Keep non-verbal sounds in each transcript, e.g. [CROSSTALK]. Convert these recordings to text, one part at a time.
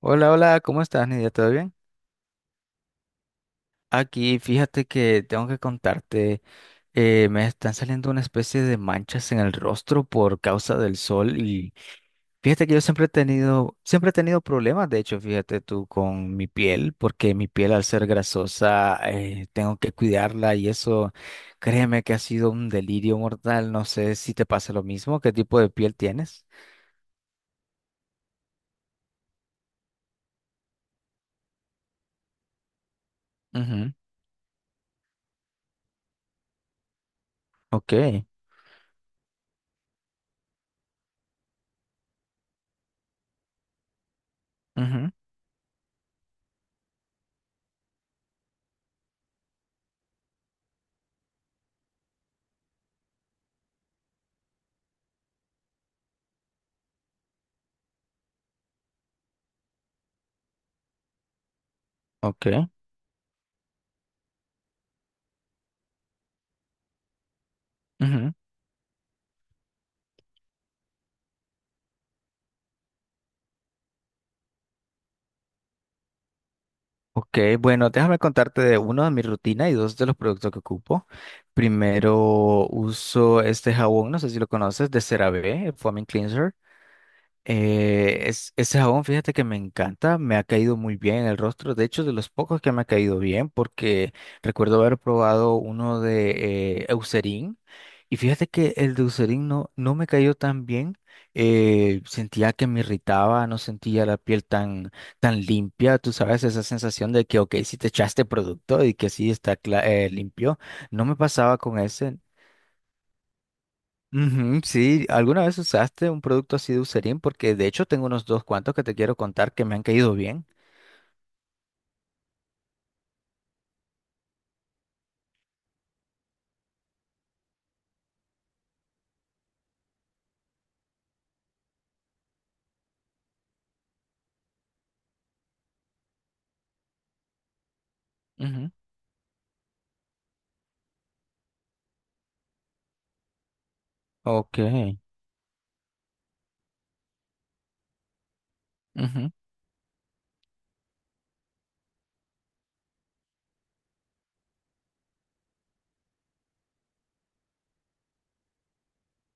Hola, hola, ¿cómo estás, Nidia? ¿Todo bien? Aquí, fíjate que tengo que contarte, me están saliendo una especie de manchas en el rostro por causa del sol y fíjate que yo siempre he tenido problemas, de hecho, fíjate tú, con mi piel, porque mi piel al ser grasosa, tengo que cuidarla y eso, créeme que ha sido un delirio mortal, no sé si te pasa lo mismo, ¿qué tipo de piel tienes? Ujú. Ok, ujú, ok, ujú. Ok, bueno, déjame contarte de uno de mi rutina y dos de los productos que ocupo. Primero uso este jabón, no sé si lo conoces, de CeraVe, el Foaming Cleanser. Ese jabón, fíjate que me encanta, me ha caído muy bien en el rostro, de hecho de los pocos que me ha caído bien, porque recuerdo haber probado uno de Eucerin, y fíjate que el de Eucerin no, no me cayó tan bien, sentía que me irritaba, no sentía la piel tan limpia, tú sabes, esa sensación de que, ok, si te echaste producto y que sí está limpio, no me pasaba con ese. Ujú, sí, ¿alguna vez usaste un producto así de Eucerin? Porque de hecho tengo unos dos cuantos que te quiero contar que me han caído bien. Ujú, ok, ujú,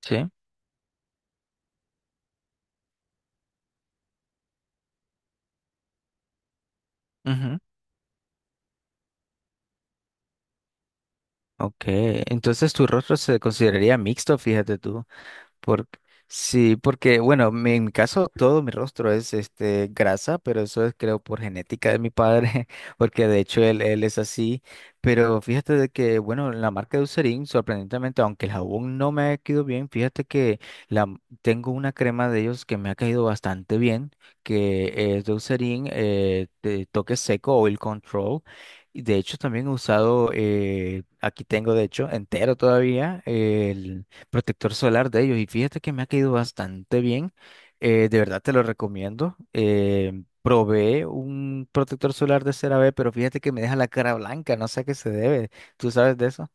sí, ujú, ok. Entonces tu rostro se consideraría mixto, fíjate tú. Por, sí, porque, bueno, en mi caso todo mi rostro es este grasa, pero eso es creo por genética de mi padre, [LAUGHS] porque de hecho él, él es así. Pero fíjate de que, bueno, la marca de Eucerin, sorprendentemente, aunque el jabón no me ha quedado bien, fíjate que tengo una crema de ellos que me ha caído bastante bien, que es de Eucerin, de toque seco, Oil Control. Y de hecho también he usado, aquí tengo de hecho entero todavía, protector solar de ellos y fíjate que me ha caído bastante bien. De verdad te lo recomiendo. Probé un protector solar de CeraVe, pero fíjate que me deja la cara blanca, no sé a qué se debe. ¿Tú sabes de eso?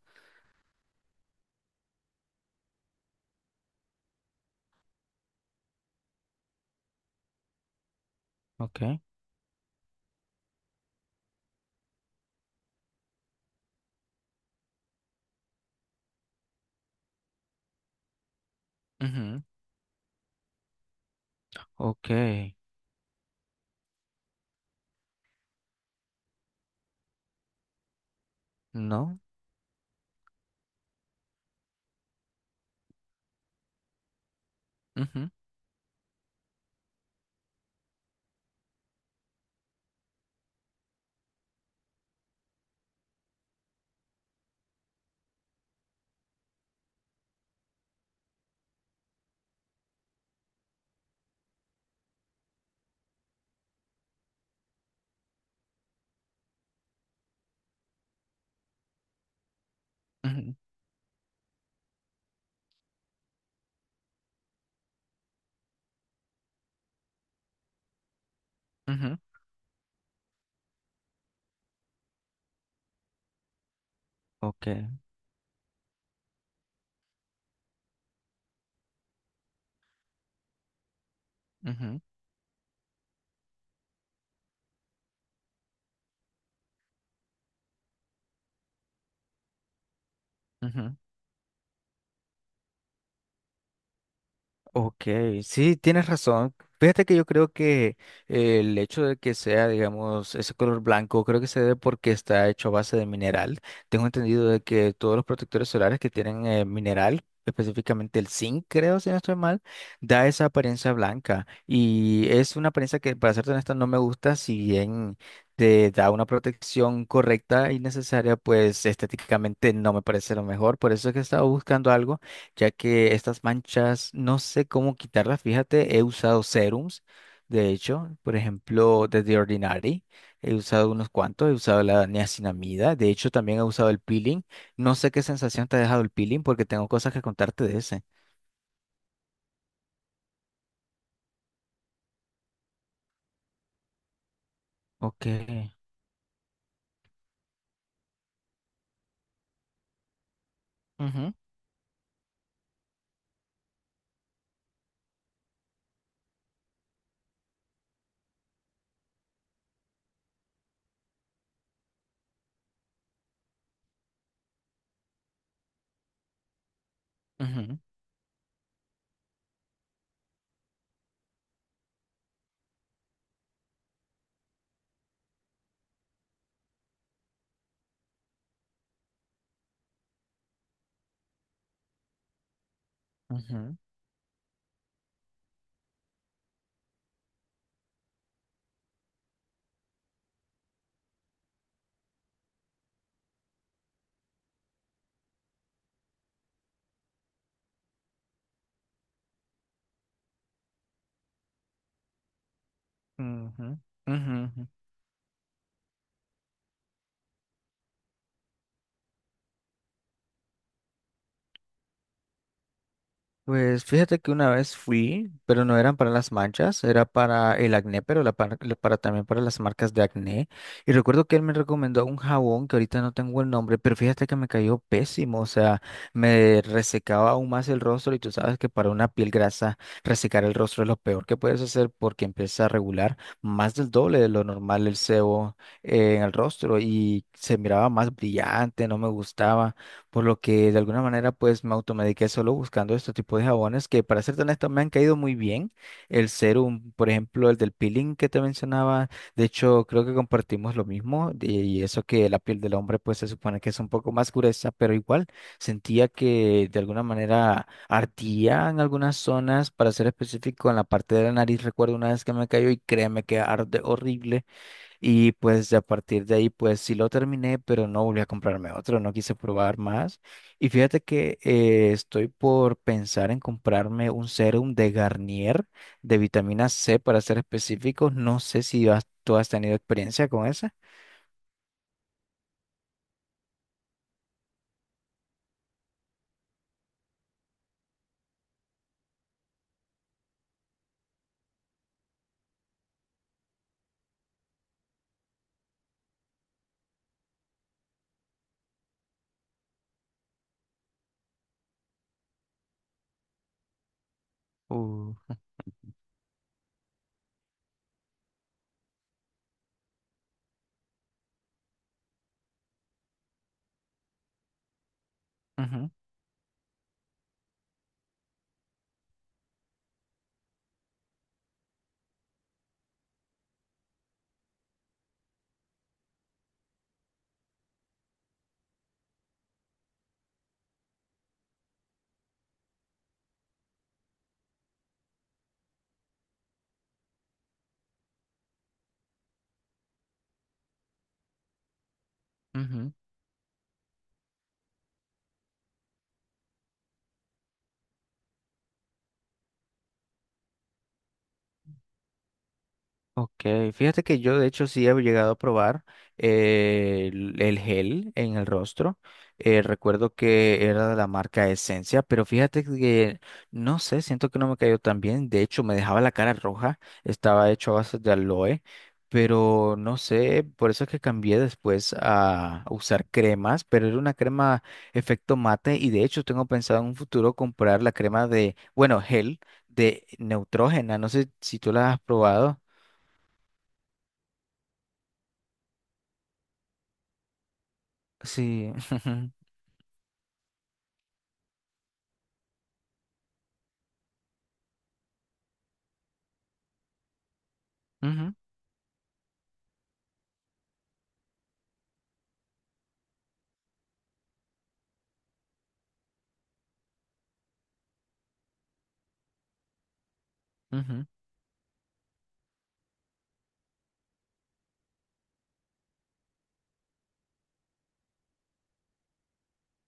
Ok, ujú, ok. No. Ujú, ujú, ujú, ok, ujú, ujú. Ok, sí, tienes razón. Fíjate que yo creo que el hecho de que sea, digamos, ese color blanco, creo que se debe porque está hecho a base de mineral. Tengo entendido de que todos los protectores solares que tienen mineral, específicamente el zinc, creo, si no estoy mal, da esa apariencia blanca. Y es una apariencia que, para serte honesta, no me gusta, si bien te da una protección correcta y necesaria, pues estéticamente no me parece lo mejor. Por eso es que estaba buscando algo ya que estas manchas no sé cómo quitarlas. Fíjate, he usado serums, de hecho, por ejemplo, de The Ordinary, he usado unos cuantos, he usado la niacinamida, de hecho también he usado el peeling. No sé qué sensación te ha dejado el peeling porque tengo cosas que contarte de ese. Ok, ujú, ujú, ujú, ujú, ujú, ujú. Pues fíjate que una vez fui, pero no eran para las manchas, era para el acné, pero la par- la para, también para las marcas de acné. Y recuerdo que él me recomendó un jabón que ahorita no tengo el nombre, pero fíjate que me cayó pésimo, o sea, me resecaba aún más el rostro y tú sabes que para una piel grasa resecar el rostro es lo peor que puedes hacer porque empieza a regular más del doble de lo normal el sebo en el rostro y se miraba más brillante, no me gustaba. Por lo que de alguna manera pues me automediqué solo buscando este tipo de jabones que para ser honesto me han caído muy bien. El serum, por ejemplo, el del peeling que te mencionaba, de hecho creo que compartimos lo mismo y eso que la piel del hombre pues se supone que es un poco más gruesa, pero igual sentía que de alguna manera ardía en algunas zonas, para ser específico en la parte de la nariz. Recuerdo una vez que me cayó y créeme que arde horrible. Y pues de a partir de ahí, pues sí lo terminé, pero no volví a comprarme otro, no quise probar más. Y fíjate que estoy por pensar en comprarme un serum de Garnier de vitamina C para ser específicos. No sé si tú has tenido experiencia con esa. Uh, Ujú, ujú. Ok, fíjate que yo de hecho sí he llegado a probar el gel en el rostro. Recuerdo que era de la marca Esencia, pero fíjate que no sé, siento que no me cayó tan bien. De hecho, me dejaba la cara roja, estaba hecho a base de aloe, pero no sé, por eso es que cambié después a usar cremas, pero era una crema efecto mate y de hecho tengo pensado en un futuro comprar la crema de, bueno, gel de Neutrógena, no sé si tú la has probado. Sí. [LAUGHS] Ujú, ujú,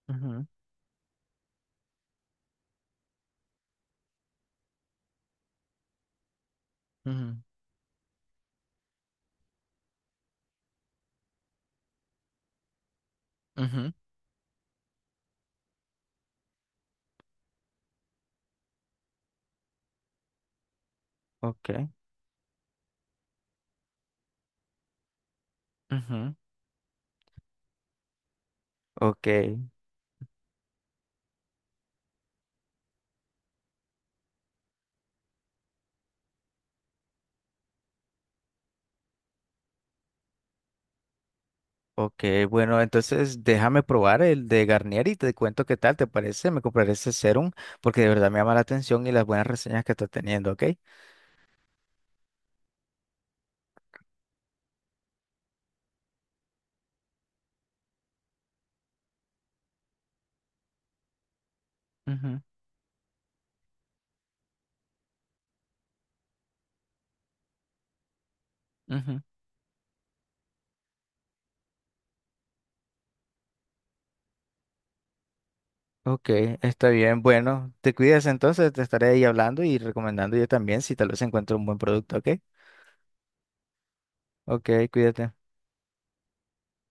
ujú, ujú, ujú. Ok, ujú. Ok. Ok. Bueno, entonces déjame probar el de Garnier y te cuento qué tal te parece. Me compraré ese serum porque de verdad me llama la atención y las buenas reseñas que está teniendo, ¿ok? Ujú, ujú. Ok, está bien. Bueno, te cuidas entonces, te estaré ahí hablando y recomendando yo también si tal vez encuentro un buen producto, ¿ok? Ok, cuídate.